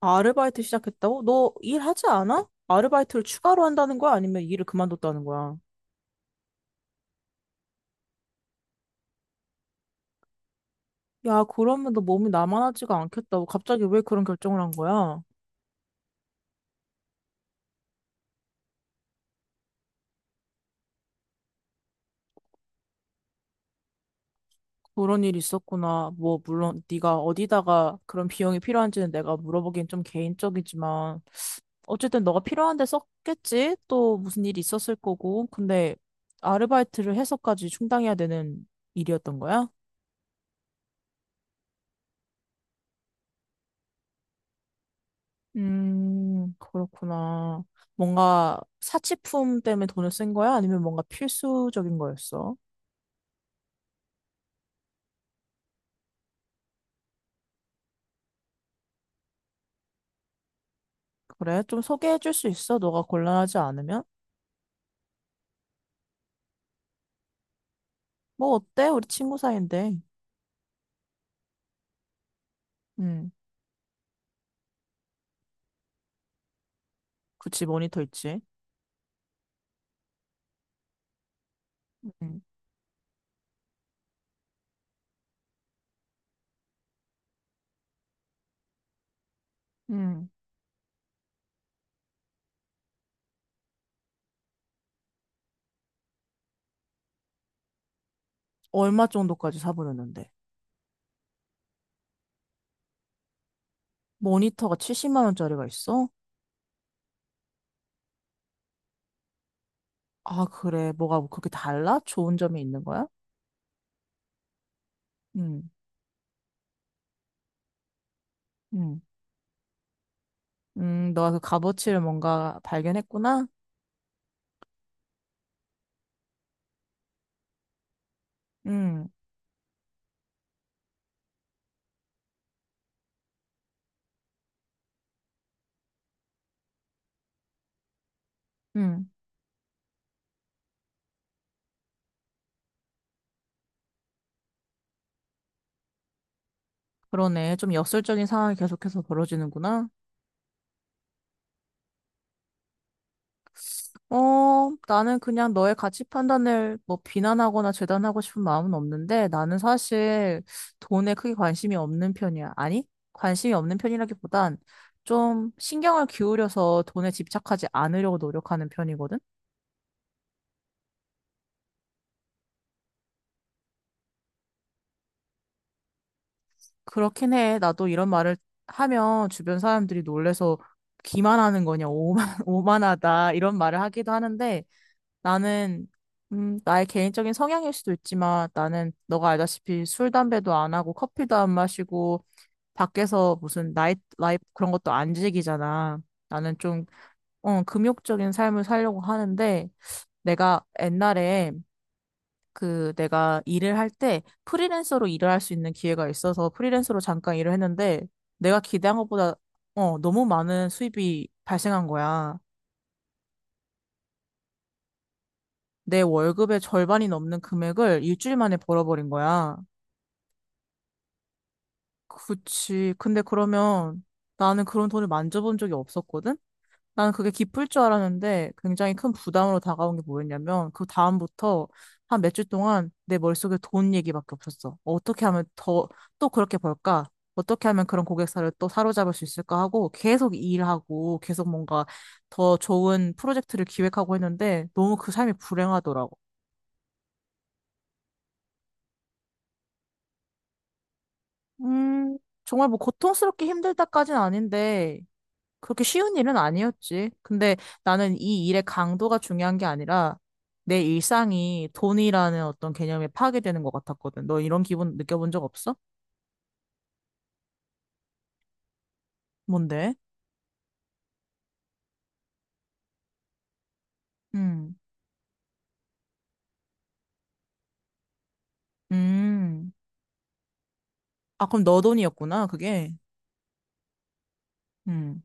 아르바이트 시작했다고? 너 일하지 않아? 아르바이트를 추가로 한다는 거야? 아니면 일을 그만뒀다는 거야? 야, 그러면 너 몸이 나만하지가 않겠다고. 갑자기 왜 그런 결정을 한 거야? 그런 일이 있었구나. 뭐, 물론 네가 어디다가 그런 비용이 필요한지는 내가 물어보기엔 좀 개인적이지만 어쨌든 너가 필요한 데 썼겠지? 또 무슨 일이 있었을 거고. 근데 아르바이트를 해서까지 충당해야 되는 일이었던 거야? 그렇구나. 뭔가 사치품 때문에 돈을 쓴 거야? 아니면 뭔가 필수적인 거였어? 그래, 좀 소개해 줄 수 있어? 너가 곤란하지 않으면? 뭐 어때? 우리 친구 사이인데. 음, 그치, 모니터 있지. 음, 음. 얼마 정도까지 사보려는데? 모니터가 70만 원짜리가 있어? 아, 그래. 뭐가 그렇게 달라? 좋은 점이 있는 거야? 음, 음. 너가 그 값어치를 뭔가 발견했구나? 음, 음. 그러네. 좀 역설적인 상황이 계속해서 벌어지는구나. 나는 그냥 너의 가치 판단을 뭐 비난하거나 재단하고 싶은 마음은 없는데 나는 사실 돈에 크게 관심이 없는 편이야. 아니, 관심이 없는 편이라기보단 좀 신경을 기울여서 돈에 집착하지 않으려고 노력하는 편이거든. 그렇긴 해. 나도 이런 말을 하면 주변 사람들이 놀래서 기만하는 거냐, 오만, 오만하다 이런 말을 하기도 하는데 나는, 나의 개인적인 성향일 수도 있지만 나는 너가 알다시피 술, 담배도 안 하고 커피도 안 마시고 밖에서 무슨 나이트 라이프 그런 것도 안 즐기잖아. 나는 좀, 금욕적인 삶을 살려고 하는데 내가 옛날에 그 내가 일을 할 때 프리랜서로 일을 할 수 있는 기회가 있어서 프리랜서로 잠깐 일을 했는데 내가 기대한 것보다 너무 많은 수입이 발생한 거야. 내 월급의 절반이 넘는 금액을 일주일 만에 벌어버린 거야. 그치. 근데 그러면 나는 그런 돈을 만져본 적이 없었거든? 나는 그게 기쁠 줄 알았는데 굉장히 큰 부담으로 다가온 게 뭐였냐면 그 다음부터 한 몇 주 동안 내 머릿속에 돈 얘기밖에 없었어. 어떻게 하면 더, 또 그렇게 벌까? 어떻게 하면 그런 고객사를 또 사로잡을 수 있을까 하고 계속 일하고 계속 뭔가 더 좋은 프로젝트를 기획하고 했는데 너무 그 삶이 불행하더라고. 음, 정말 뭐 고통스럽게 힘들다까진 아닌데 그렇게 쉬운 일은 아니었지. 근데 나는 이 일의 강도가 중요한 게 아니라 내 일상이 돈이라는 어떤 개념에 파괴되는 것 같았거든. 너 이런 기분 느껴본 적 없어? 뭔데? 음, 음. 아, 그럼 너 돈이었구나, 그게. 음,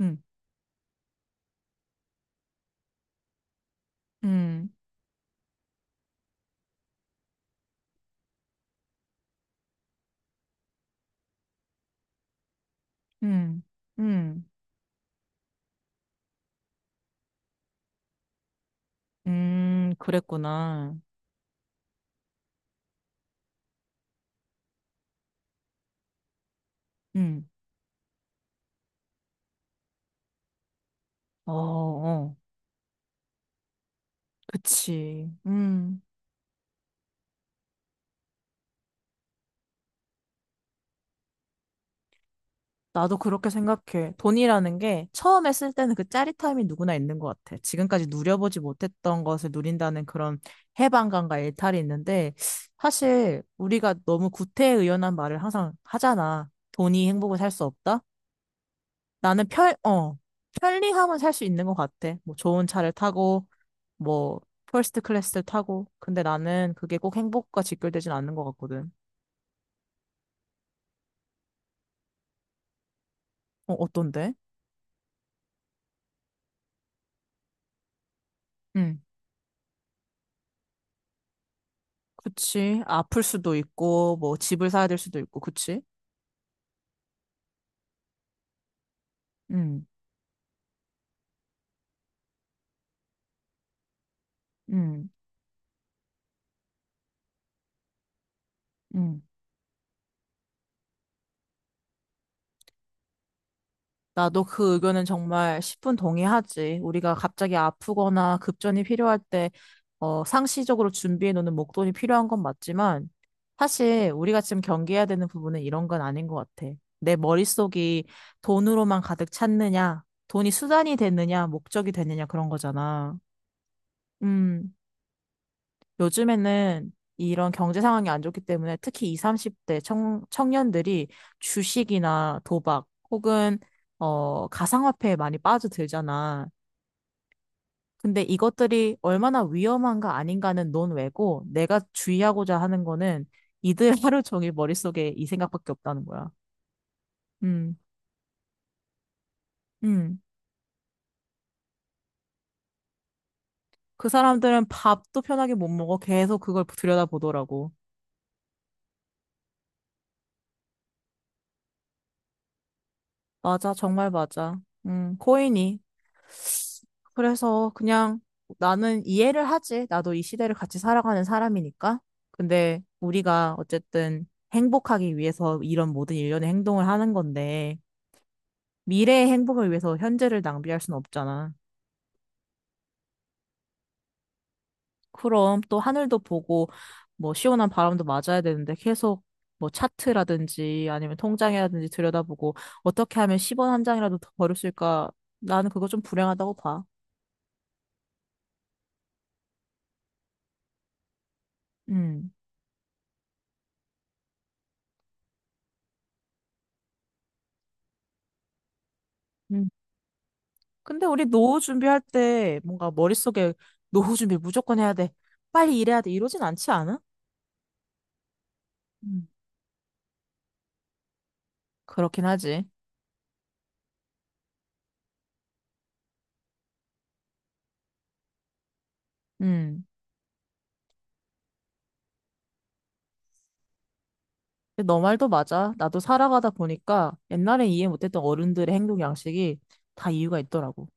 음, 음, 음, 음, 그랬구나. 음, 어, 어, 그치. 음. 나도 그렇게 생각해. 돈이라는 게 처음에 쓸 때는 그 짜릿함이 누구나 있는 것 같아. 지금까지 누려보지 못했던 것을 누린다는 그런 해방감과 일탈이 있는데, 사실 우리가 너무 구태의연한 말을 항상 하잖아. 돈이 행복을 살 수 없다? 나는 편리함은 살 수 있는 것 같아. 뭐 좋은 차를 타고, 뭐 퍼스트 클래스를 타고. 근데 나는 그게 꼭 행복과 직결되진 않는 것 같거든. 어, 어떤데? 응. 그치. 아플 수도 있고, 뭐, 집을 사야 될 수도 있고, 그치? 응 응 응 나도 그 의견은 정말 10분 동의하지. 우리가 갑자기 아프거나 급전이 필요할 때, 상시적으로 준비해 놓는 목돈이 필요한 건 맞지만, 사실 우리가 지금 경계해야 되는 부분은 이런 건 아닌 것 같아. 내 머릿속이 돈으로만 가득 찼느냐, 돈이 수단이 됐느냐, 목적이 됐느냐, 그런 거잖아. 음. 요즘에는 이런 경제 상황이 안 좋기 때문에 특히 20, 30대 청년들이 주식이나 도박 혹은 가상화폐에 많이 빠져들잖아. 근데 이것들이 얼마나 위험한가 아닌가는 논외고 내가 주의하고자 하는 거는 이들 하루 종일 머릿속에 이 생각밖에 없다는 거야. 음, 음. 그 사람들은 밥도 편하게 못 먹어. 계속 그걸 들여다보더라고. 맞아, 정말 맞아. 코인이 그래서 그냥 나는 이해를 하지. 나도 이 시대를 같이 살아가는 사람이니까. 근데 우리가 어쨌든 행복하기 위해서 이런 모든 일련의 행동을 하는 건데, 미래의 행복을 위해서 현재를 낭비할 순 없잖아. 그럼 또 하늘도 보고, 뭐 시원한 바람도 맞아야 되는데 계속 뭐 차트라든지 아니면 통장이라든지 들여다보고 어떻게 하면 10원 한 장이라도 더 벌을 수 있을까? 나는 그거 좀 불행하다고 봐. 음. 근데 우리 노후 준비할 때 뭔가 머릿속에 노후 준비 무조건 해야 돼. 빨리 일해야 돼. 이러진 않지 않아? 음. 그렇긴 하지. 음. 근데 너 말도 맞아. 나도 살아가다 보니까 옛날에 이해 못했던 어른들의 행동 양식이 다 이유가 있더라고.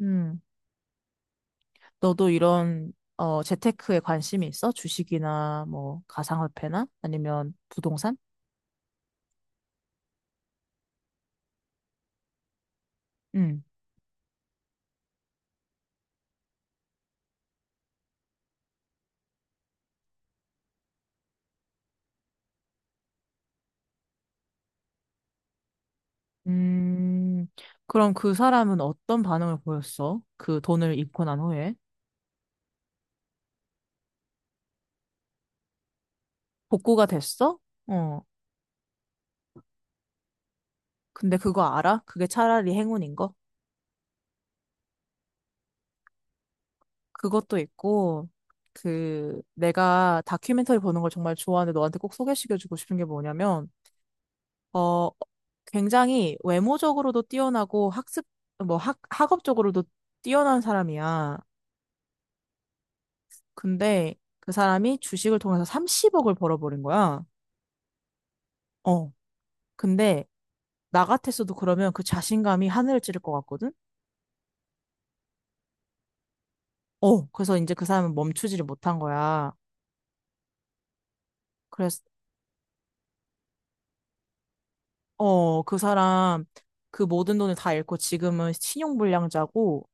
음. 너도 이런 재테크에 관심이 있어? 주식이나 뭐 가상화폐나 아니면 부동산? 음. 음. 그럼 그 사람은 어떤 반응을 보였어? 그 돈을 잃고 난 후에? 복구가 됐어? 어. 근데 그거 알아? 그게 차라리 행운인 거? 그것도 있고, 그, 내가 다큐멘터리 보는 걸 정말 좋아하는데 너한테 꼭 소개시켜주고 싶은 게 뭐냐면, 어, 굉장히 외모적으로도 뛰어나고 학습, 뭐 학업적으로도 뛰어난 사람이야. 근데 그 사람이 주식을 통해서 30억을 벌어버린 거야. 어. 근데 나 같았어도 그러면 그 자신감이 하늘을 찌를 것 같거든? 어. 그래서 이제 그 사람은 멈추지를 못한 거야. 그래서 그 사람 그 모든 돈을 다 잃고 지금은 신용불량자고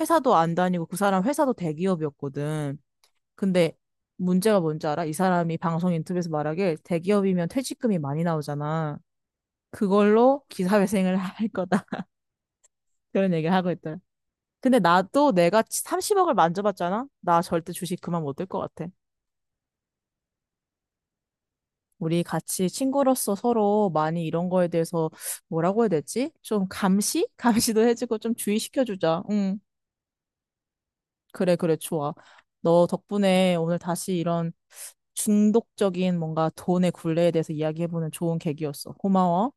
회사도 안 다니고 그 사람 회사도 대기업이었거든. 근데 문제가 뭔지 알아? 이 사람이 방송 인터뷰에서 말하길 대기업이면 퇴직금이 많이 나오잖아. 그걸로 기사회생을 할 거다. 그런 얘기를 하고 있더라. 근데 나도 내가 30억을 만져봤잖아? 나 절대 주식 그만 못 들 것 같아. 우리 같이 친구로서 서로 많이 이런 거에 대해서 뭐라고 해야 되지? 좀 감시? 감시도 해주고 좀 주의시켜주자. 응. 그래, 그래, 좋아. 너 덕분에 오늘 다시 이런 중독적인 뭔가 돈의 굴레에 대해서 이야기해보는 좋은 계기였어. 고마워.